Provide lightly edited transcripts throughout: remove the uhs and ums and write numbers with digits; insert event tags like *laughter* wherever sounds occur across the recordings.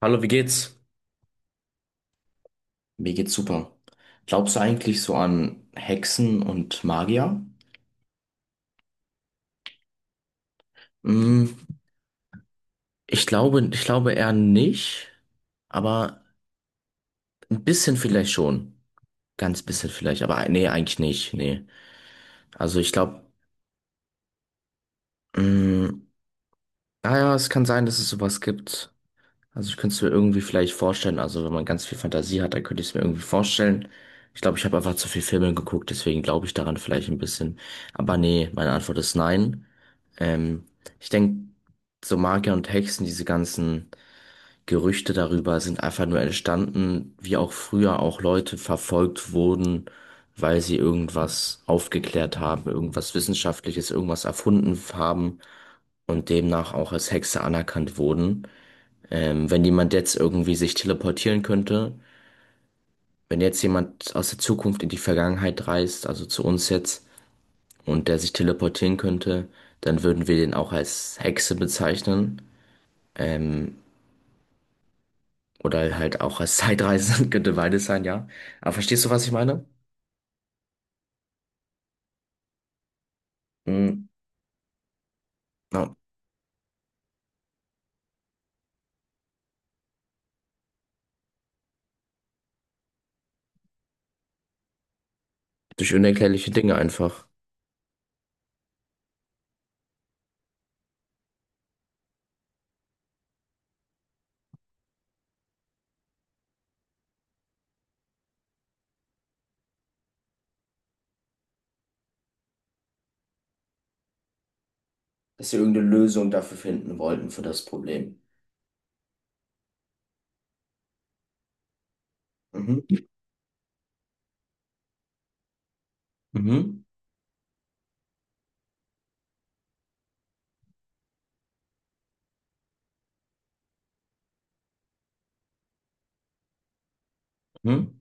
Hallo, wie geht's? Mir geht's super. Glaubst du eigentlich so an Hexen und Magier? Mm, Ich glaube eher nicht, aber ein bisschen vielleicht schon. Ganz bisschen vielleicht, aber nee, eigentlich nicht, nee. Also ich glaube, naja, es kann sein, dass es sowas gibt. Also ich könnte es mir irgendwie vielleicht vorstellen, also wenn man ganz viel Fantasie hat, dann könnte ich es mir irgendwie vorstellen. Ich glaube, ich habe einfach zu viel Filme geguckt, deswegen glaube ich daran vielleicht ein bisschen. Aber nee, meine Antwort ist nein. Ähm, Ich denke, so Magier und Hexen, diese ganzen Gerüchte darüber sind einfach nur entstanden, wie auch früher auch Leute verfolgt wurden, weil sie irgendwas aufgeklärt haben, irgendwas Wissenschaftliches, irgendwas erfunden haben und demnach auch als Hexe anerkannt wurden. Wenn jemand jetzt irgendwie sich teleportieren könnte, wenn jetzt jemand aus der Zukunft in die Vergangenheit reist, also zu uns jetzt, und der sich teleportieren könnte, dann würden wir den auch als Hexe bezeichnen. Ähm, oder halt auch als Zeitreisende *laughs* könnte beides sein, ja. Aber verstehst du, was ich meine? Mhm. Ja. Durch unerklärliche Dinge einfach. Dass wir irgendeine Lösung dafür finden wollten für das Problem. Mhm. Mhm. Mhm.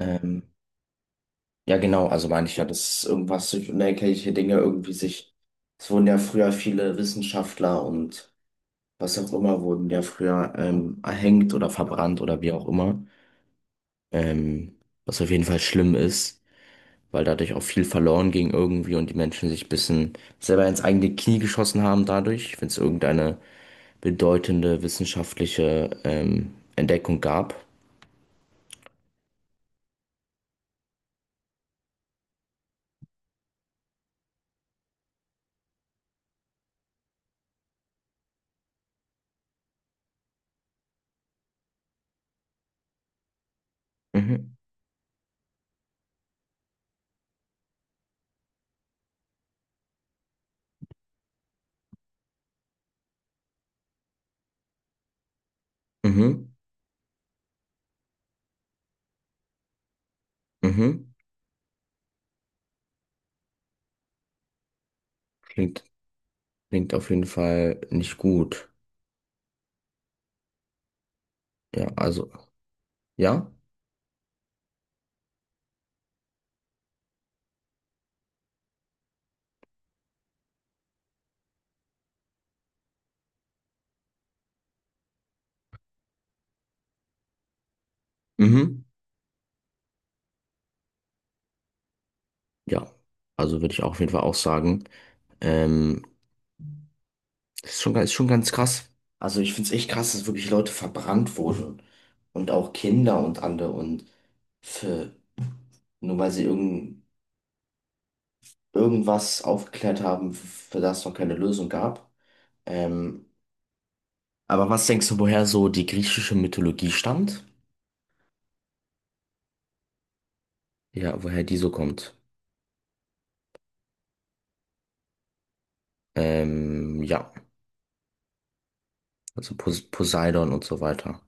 Ähm, Ja, genau, also meine ich ja, dass irgendwas durch unerklärliche Dinge irgendwie sich, es wurden ja früher viele Wissenschaftler und was auch immer, wurden ja früher erhängt oder verbrannt oder wie auch immer, ähm, was auf jeden Fall schlimm ist, weil dadurch auch viel verloren ging irgendwie und die Menschen sich ein bisschen selber ins eigene Knie geschossen haben dadurch, wenn es irgendeine bedeutende wissenschaftliche Entdeckung gab. Mhm, mhm, mhm. Klingt, klingt auf jeden Fall nicht gut. Ja, also. Ja? Mhm. Ja. Also würde ich auch auf jeden Fall auch sagen. Ähm, Das ist schon ganz krass. Also ich finde es echt krass, dass wirklich Leute verbrannt wurden. Und auch Kinder und andere und für, nur weil sie irgend, irgendwas aufgeklärt haben, für das es noch keine Lösung gab. Ähm, aber was denkst du, woher so die griechische Mythologie stammt? Ja, woher die so kommt. Ja, also Poseidon und so weiter.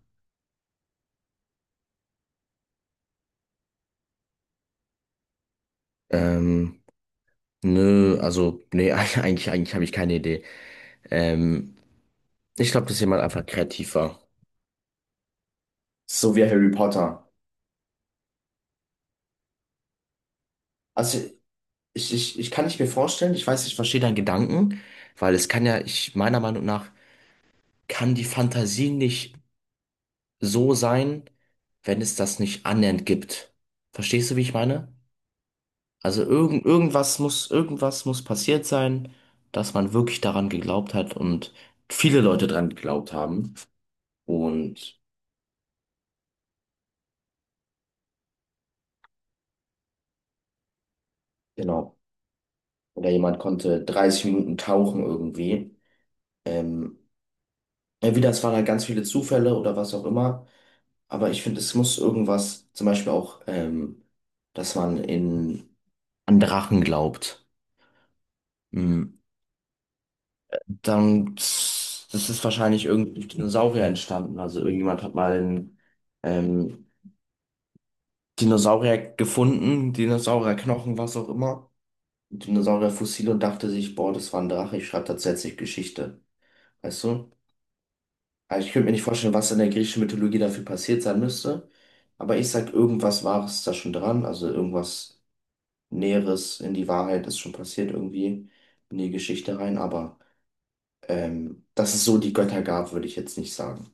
Ähm, Nö, also, nee, *laughs* eigentlich habe ich keine Idee. Ähm, Ich glaube, dass jemand einfach kreativ war. So wie Harry Potter. Also, ich kann nicht mir vorstellen, ich weiß, ich verstehe deinen Gedanken, weil es kann ja, ich, meiner Meinung nach, kann die Fantasie nicht so sein, wenn es das nicht annähernd gibt. Verstehst du, wie ich meine? Also, irgend, irgendwas muss passiert sein, dass man wirklich daran geglaubt hat und viele Leute daran geglaubt haben. Und genau. Oder jemand konnte 30 Minuten tauchen irgendwie. Ähm, Entweder es waren halt ganz viele Zufälle oder was auch immer. Aber ich finde, es muss irgendwas, zum Beispiel auch, dass man in, an Drachen glaubt. Hm, dann, das ist wahrscheinlich irgendwie durch Dinosaurier entstanden. Also irgendjemand hat mal einen, ähm, Dinosaurier gefunden, Dinosaurierknochen, was auch immer. Dinosaurierfossil und dachte sich, boah, das war ein Drache, ich schreibe tatsächlich Geschichte. Weißt du? Also ich könnte mir nicht vorstellen, was in der griechischen Mythologie dafür passiert sein müsste. Aber ich sag, irgendwas Wahres ist da schon dran. Also irgendwas Näheres in die Wahrheit ist schon passiert irgendwie in die Geschichte rein. Aber dass es so die Götter gab, würde ich jetzt nicht sagen.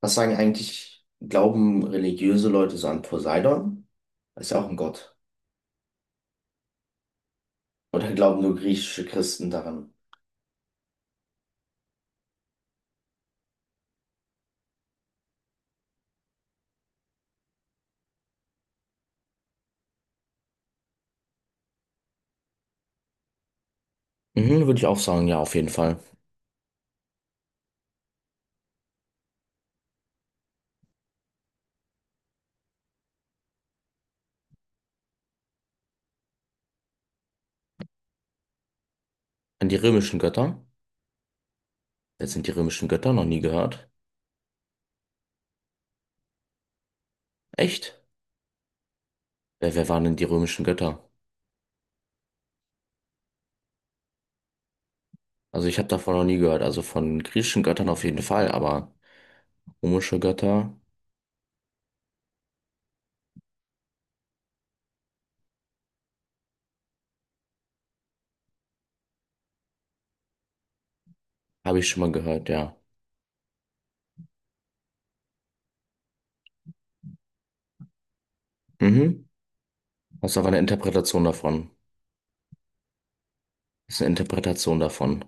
Was sagen eigentlich, glauben religiöse Leute so an Poseidon? Ist ja auch ein Gott. Oder glauben nur griechische Christen daran? Mhm, würde ich auch sagen, ja, auf jeden Fall. An die römischen Götter. Jetzt sind die römischen Götter noch nie gehört. Echt? Wer waren denn die römischen Götter? Also ich habe davon noch nie gehört. Also von griechischen Göttern auf jeden Fall, aber römische Götter habe ich schon mal gehört, ja. Mhm. Das ist aber eine Interpretation davon. Das ist eine Interpretation davon.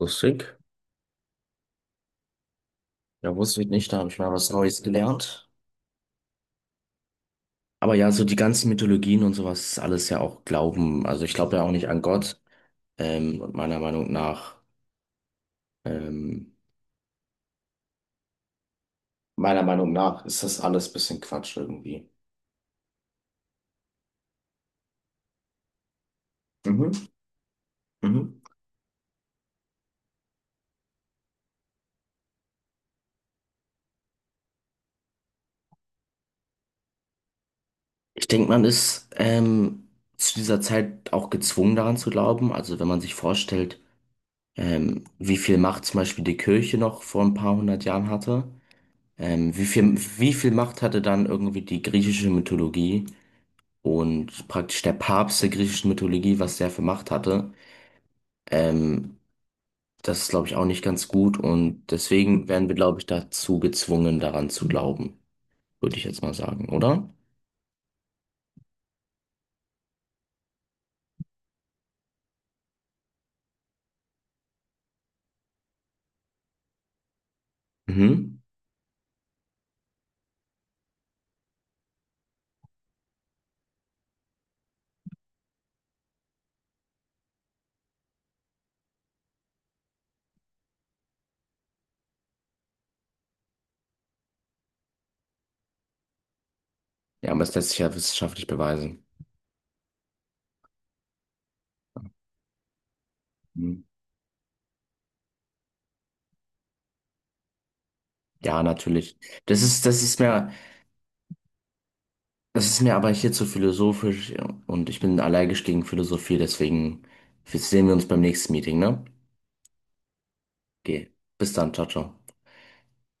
Lustig. Ja, wusste ich nicht, da habe ich mal was Neues gelernt. Aber ja, so die ganzen Mythologien und sowas ist alles ja auch Glauben. Also ich glaube ja auch nicht an Gott. Und ähm, meiner Meinung nach ist das alles ein bisschen Quatsch irgendwie. Mhm. Mhm. Ich denke, man ist zu dieser Zeit auch gezwungen daran zu glauben. Also wenn man sich vorstellt, wie viel Macht zum Beispiel die Kirche noch vor ein paar hundert Jahren hatte, wie viel Macht hatte dann irgendwie die griechische Mythologie und praktisch der Papst der griechischen Mythologie, was der für Macht hatte. Ähm, Das ist, glaube ich, auch nicht ganz gut und deswegen werden wir, glaube ich, dazu gezwungen, daran zu glauben, würde ich jetzt mal sagen, oder? Mhm. Ja, aber es lässt sich ja wissenschaftlich beweisen. Ja, natürlich. Das ist, das ist mir, das ist mir aber hier zu philosophisch ja. Und ich bin allergisch gegen Philosophie, deswegen sehen wir uns beim nächsten Meeting, ne? Okay. Bis dann, ciao, ciao.